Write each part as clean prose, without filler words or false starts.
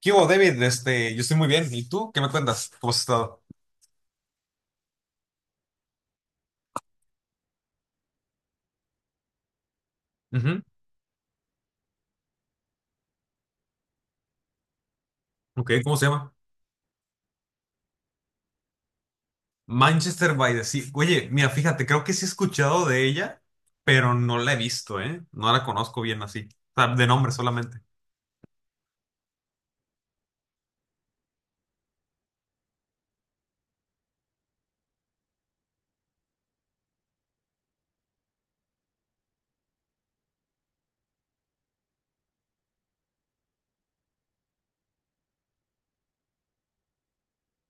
¿Qué hubo, David? Yo estoy muy bien. ¿Y tú? ¿Qué me cuentas? ¿Cómo has estado? Ujú. Ok, ¿cómo se llama? Manchester by the Sea. Oye, mira, fíjate, creo que sí he escuchado de ella, pero no la he visto, ¿eh? No la conozco bien así. O sea, de nombre solamente.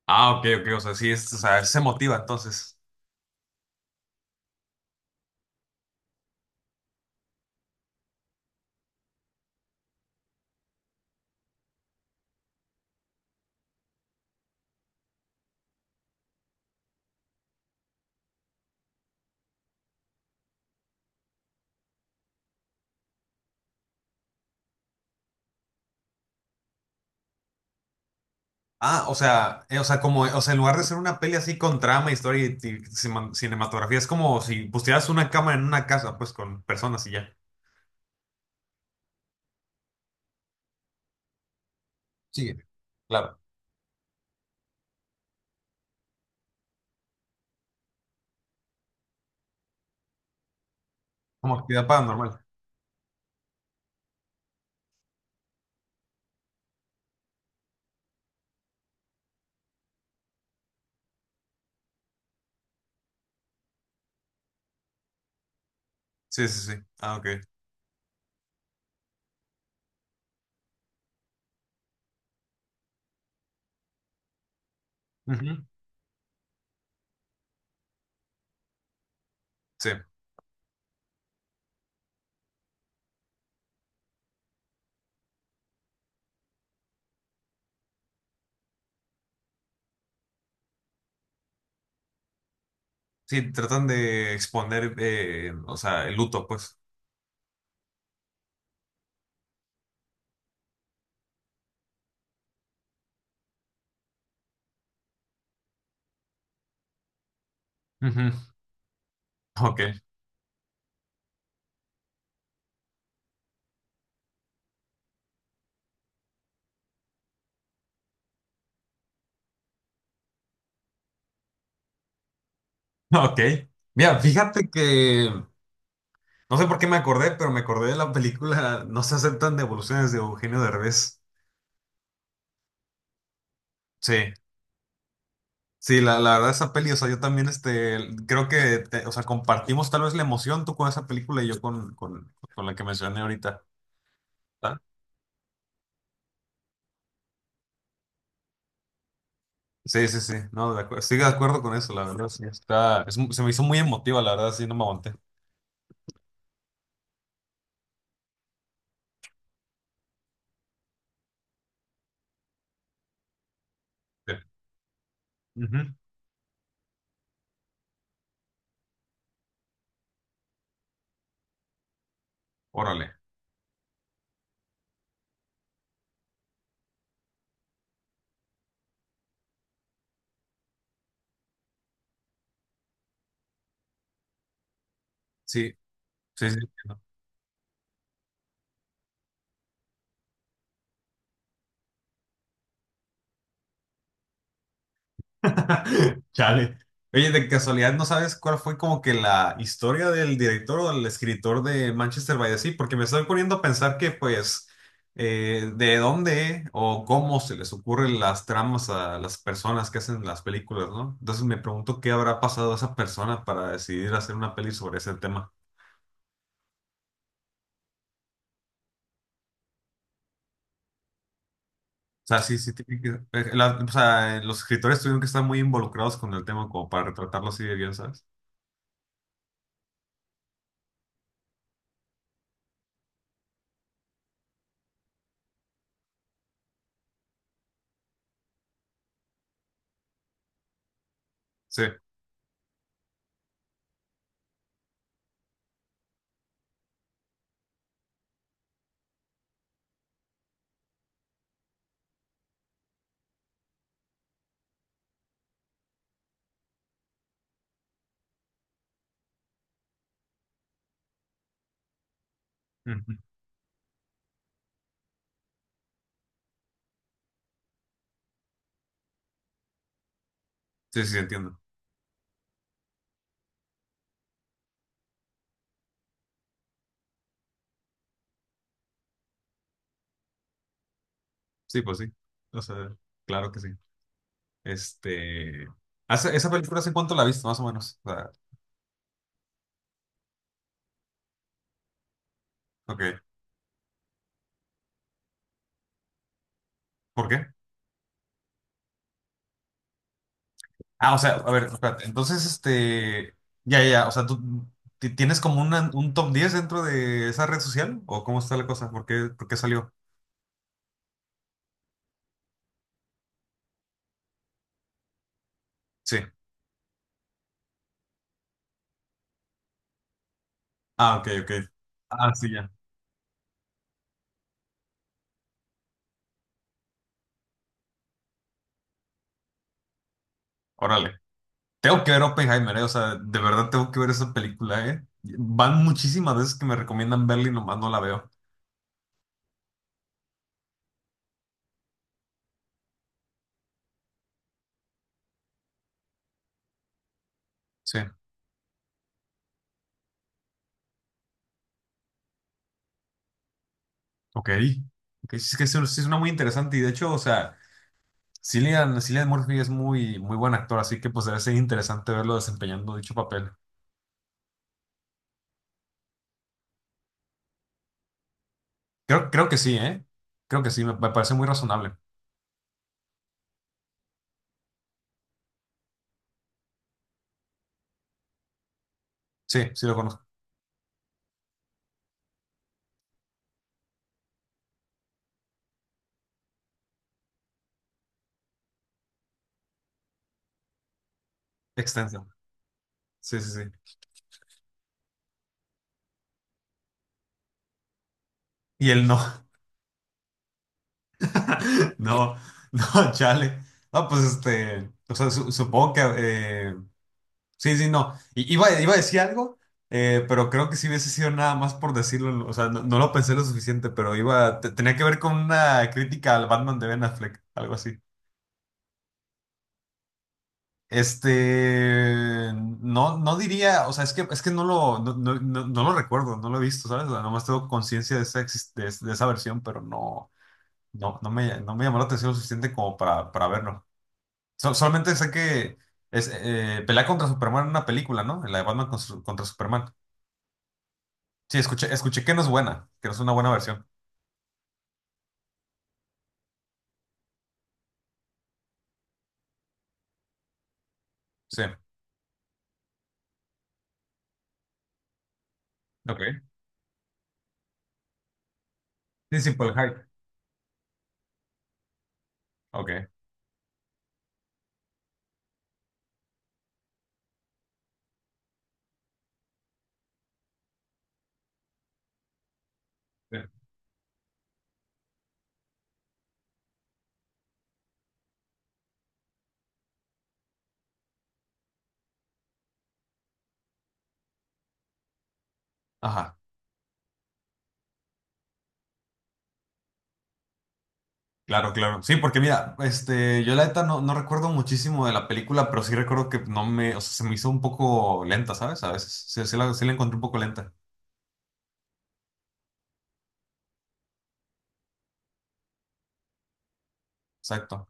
Ah, ok, ok. O sea, sí, o sea, se motiva entonces. Ah, o sea, o sea, en lugar de ser una peli así con trama, historia y, cinematografía, es como si pusieras una cámara en una casa, pues con personas y ya. Sí. Claro. Como actividad paranormal. Sí, sí, sí. Ah, ok. Sí, sí, tratan de exponer, o sea, el luto, pues. Ujú. Ok, ok. Mira, fíjate que no sé por qué me acordé, pero me acordé de la película No se aceptan devoluciones de Eugenio Derbez. Sí, sí, la verdad esa peli, o sea, yo también, creo que, o sea, compartimos tal vez la emoción tú con esa película y yo con la que mencioné ahorita. ¿Ah? Sí, sí, sí, no, de acuerdo, estoy de acuerdo con eso, la verdad, sí, es se me hizo muy emotiva, la verdad, sí, no me aguanté. Sí. Ujú. Órale, sí. Sí, sí. Chale. Oye, de casualidad, ¿no sabes cuál fue como que la historia del director o del escritor de Manchester by the Sea? Porque me estoy poniendo a pensar que, pues, de dónde o cómo se les ocurren las tramas a las personas que hacen las películas, ¿no? Entonces me pregunto qué habrá pasado a esa persona para decidir hacer una peli sobre ese tema. O sea, sí, sí, la- o sea, los escritores tuvieron que estar muy involucrados con el tema como para retratarlo así de bien, ¿sabes? Sí. Ujú. Sí, sí, entiendo. Sí, pues sí. O sea, claro que sí. Este. ¿Esa película hace cuánto la viste, más o menos? O sea, ok. ¿Por qué? Ah, o sea, a ver, espérate. Entonces, Ya, ya, ya. O sea, ¿tú tienes como un top 10 dentro de esa red social? ¿O cómo está la cosa? ¿Por qué salió? Sí. Ah, ok, ok. Ah, sí, ya. Órale. Tengo que ver Oppenheimer, ¿eh? O sea, de verdad tengo que ver esa película, ¿eh? Van muchísimas veces que me recomiendan verla y nomás no la veo. Sí. Ok, ok, sí, es que eso sí suena muy interesante y de hecho, o sea, Cillian Murphy es muy, muy buen actor, así que pues debe ser interesante verlo desempeñando dicho papel. Creo que sí, ¿eh? Creo que sí, me parece muy razonable. Sí, sí lo conozco. Extenso. Sí, sí, sí. Y él no, no, no, chale. No, pues o sea, supongo que sí, sí, no. Iba a decir algo, pero creo que si hubiese sido nada más por decirlo. O sea, no, no lo pensé lo suficiente, pero iba, tenía que ver con una crítica al Batman de Ben Affleck, algo así. Este, no, no diría, o sea, es que no lo recuerdo, no lo he visto, ¿sabes? O sea, nomás tengo conciencia de esa, de esa versión, pero no, no, no me llamó la atención lo suficiente como para verlo. Solamente sé que es, pelea contra Superman en una película, ¿no? La de Batman contra Superman. Sí, escuché que no es buena, que no es una buena versión. Sí, ok. Sí, sí, por el hype. Ok. Sí. Ajá, claro, claro. Sí, porque mira, este, yo la neta no recuerdo muchísimo de la película, pero sí recuerdo que no me, o sea, se me hizo un poco lenta, ¿sabes? A veces, sí, sí la encontré un poco lenta. Exacto.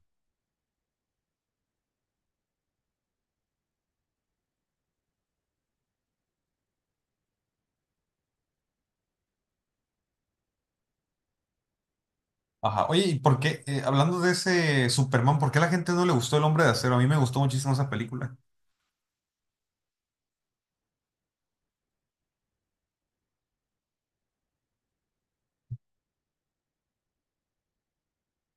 Ajá. Oye, ¿y por qué, hablando de ese Superman, ¿por qué a la gente no le gustó El Hombre de Acero? A mí me gustó muchísimo esa película.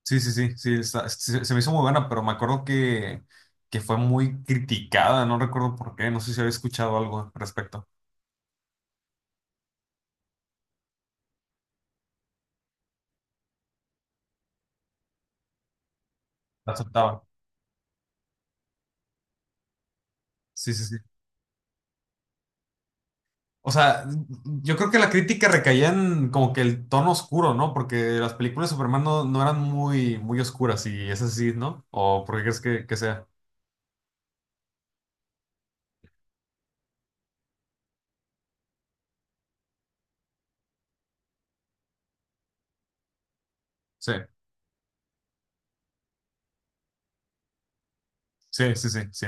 Sí, sí, sí, sí, se, se me hizo muy buena, pero me acuerdo que fue muy criticada, no recuerdo por qué, no sé si había escuchado algo al respecto. La aceptaba. Sí, sí, sí. O sea, yo creo que la crítica recaía en como que el tono oscuro, ¿no? Porque las películas de Superman no eran muy, muy oscuras y es así, ¿no? ¿O por qué crees que sea? Sí, sí, sí, sí, sí.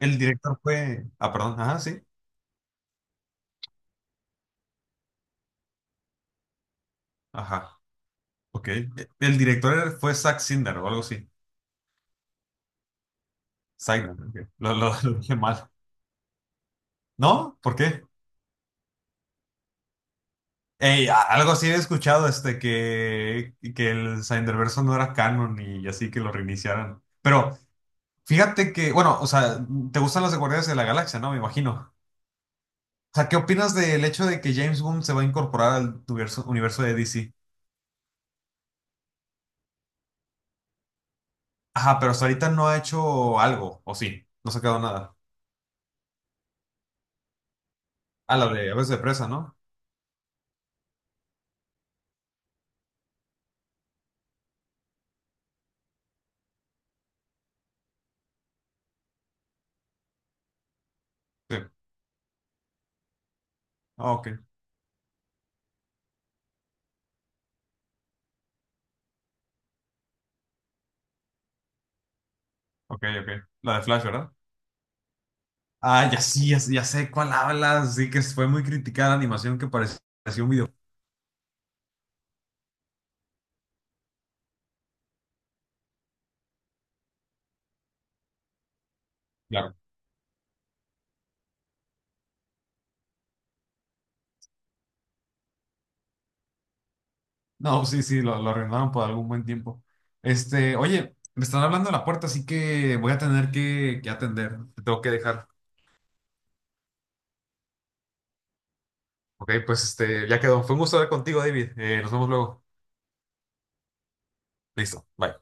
El director fue... Ah, perdón, ajá, sí. Ajá, ok. El director fue Zack Snyder o algo así. Snyder, ok. Lo dije mal. ¿No? ¿Por qué? Ey, algo así he escuchado, este, que el Snyderverso no era canon y así que lo reiniciaran. Pero fíjate que, bueno, o sea, te gustan los de Guardianes de la Galaxia, ¿no? Me imagino. O sea, ¿qué opinas del hecho de que James Gunn se va a incorporar al universo de DC? Ajá, pero hasta ahorita no ha hecho algo, ¿o sí? No se ha quedado nada. Ah, la de Aves de Presa, ¿no? Sí. Ah, ok, ok, ok. La de Flash, ¿verdad? Ah, ya sí, ya, ya sé cuál hablas. Sí, que fue muy criticada la animación que parecía un video. No, sí, sí, lo arrendaron por algún buen tiempo. Este, oye, me están hablando a la puerta, así que voy a tener que atender. Te tengo que dejar. Ok, pues este, ya quedó. Fue un gusto hablar contigo, David. Nos vemos luego. Listo, bye.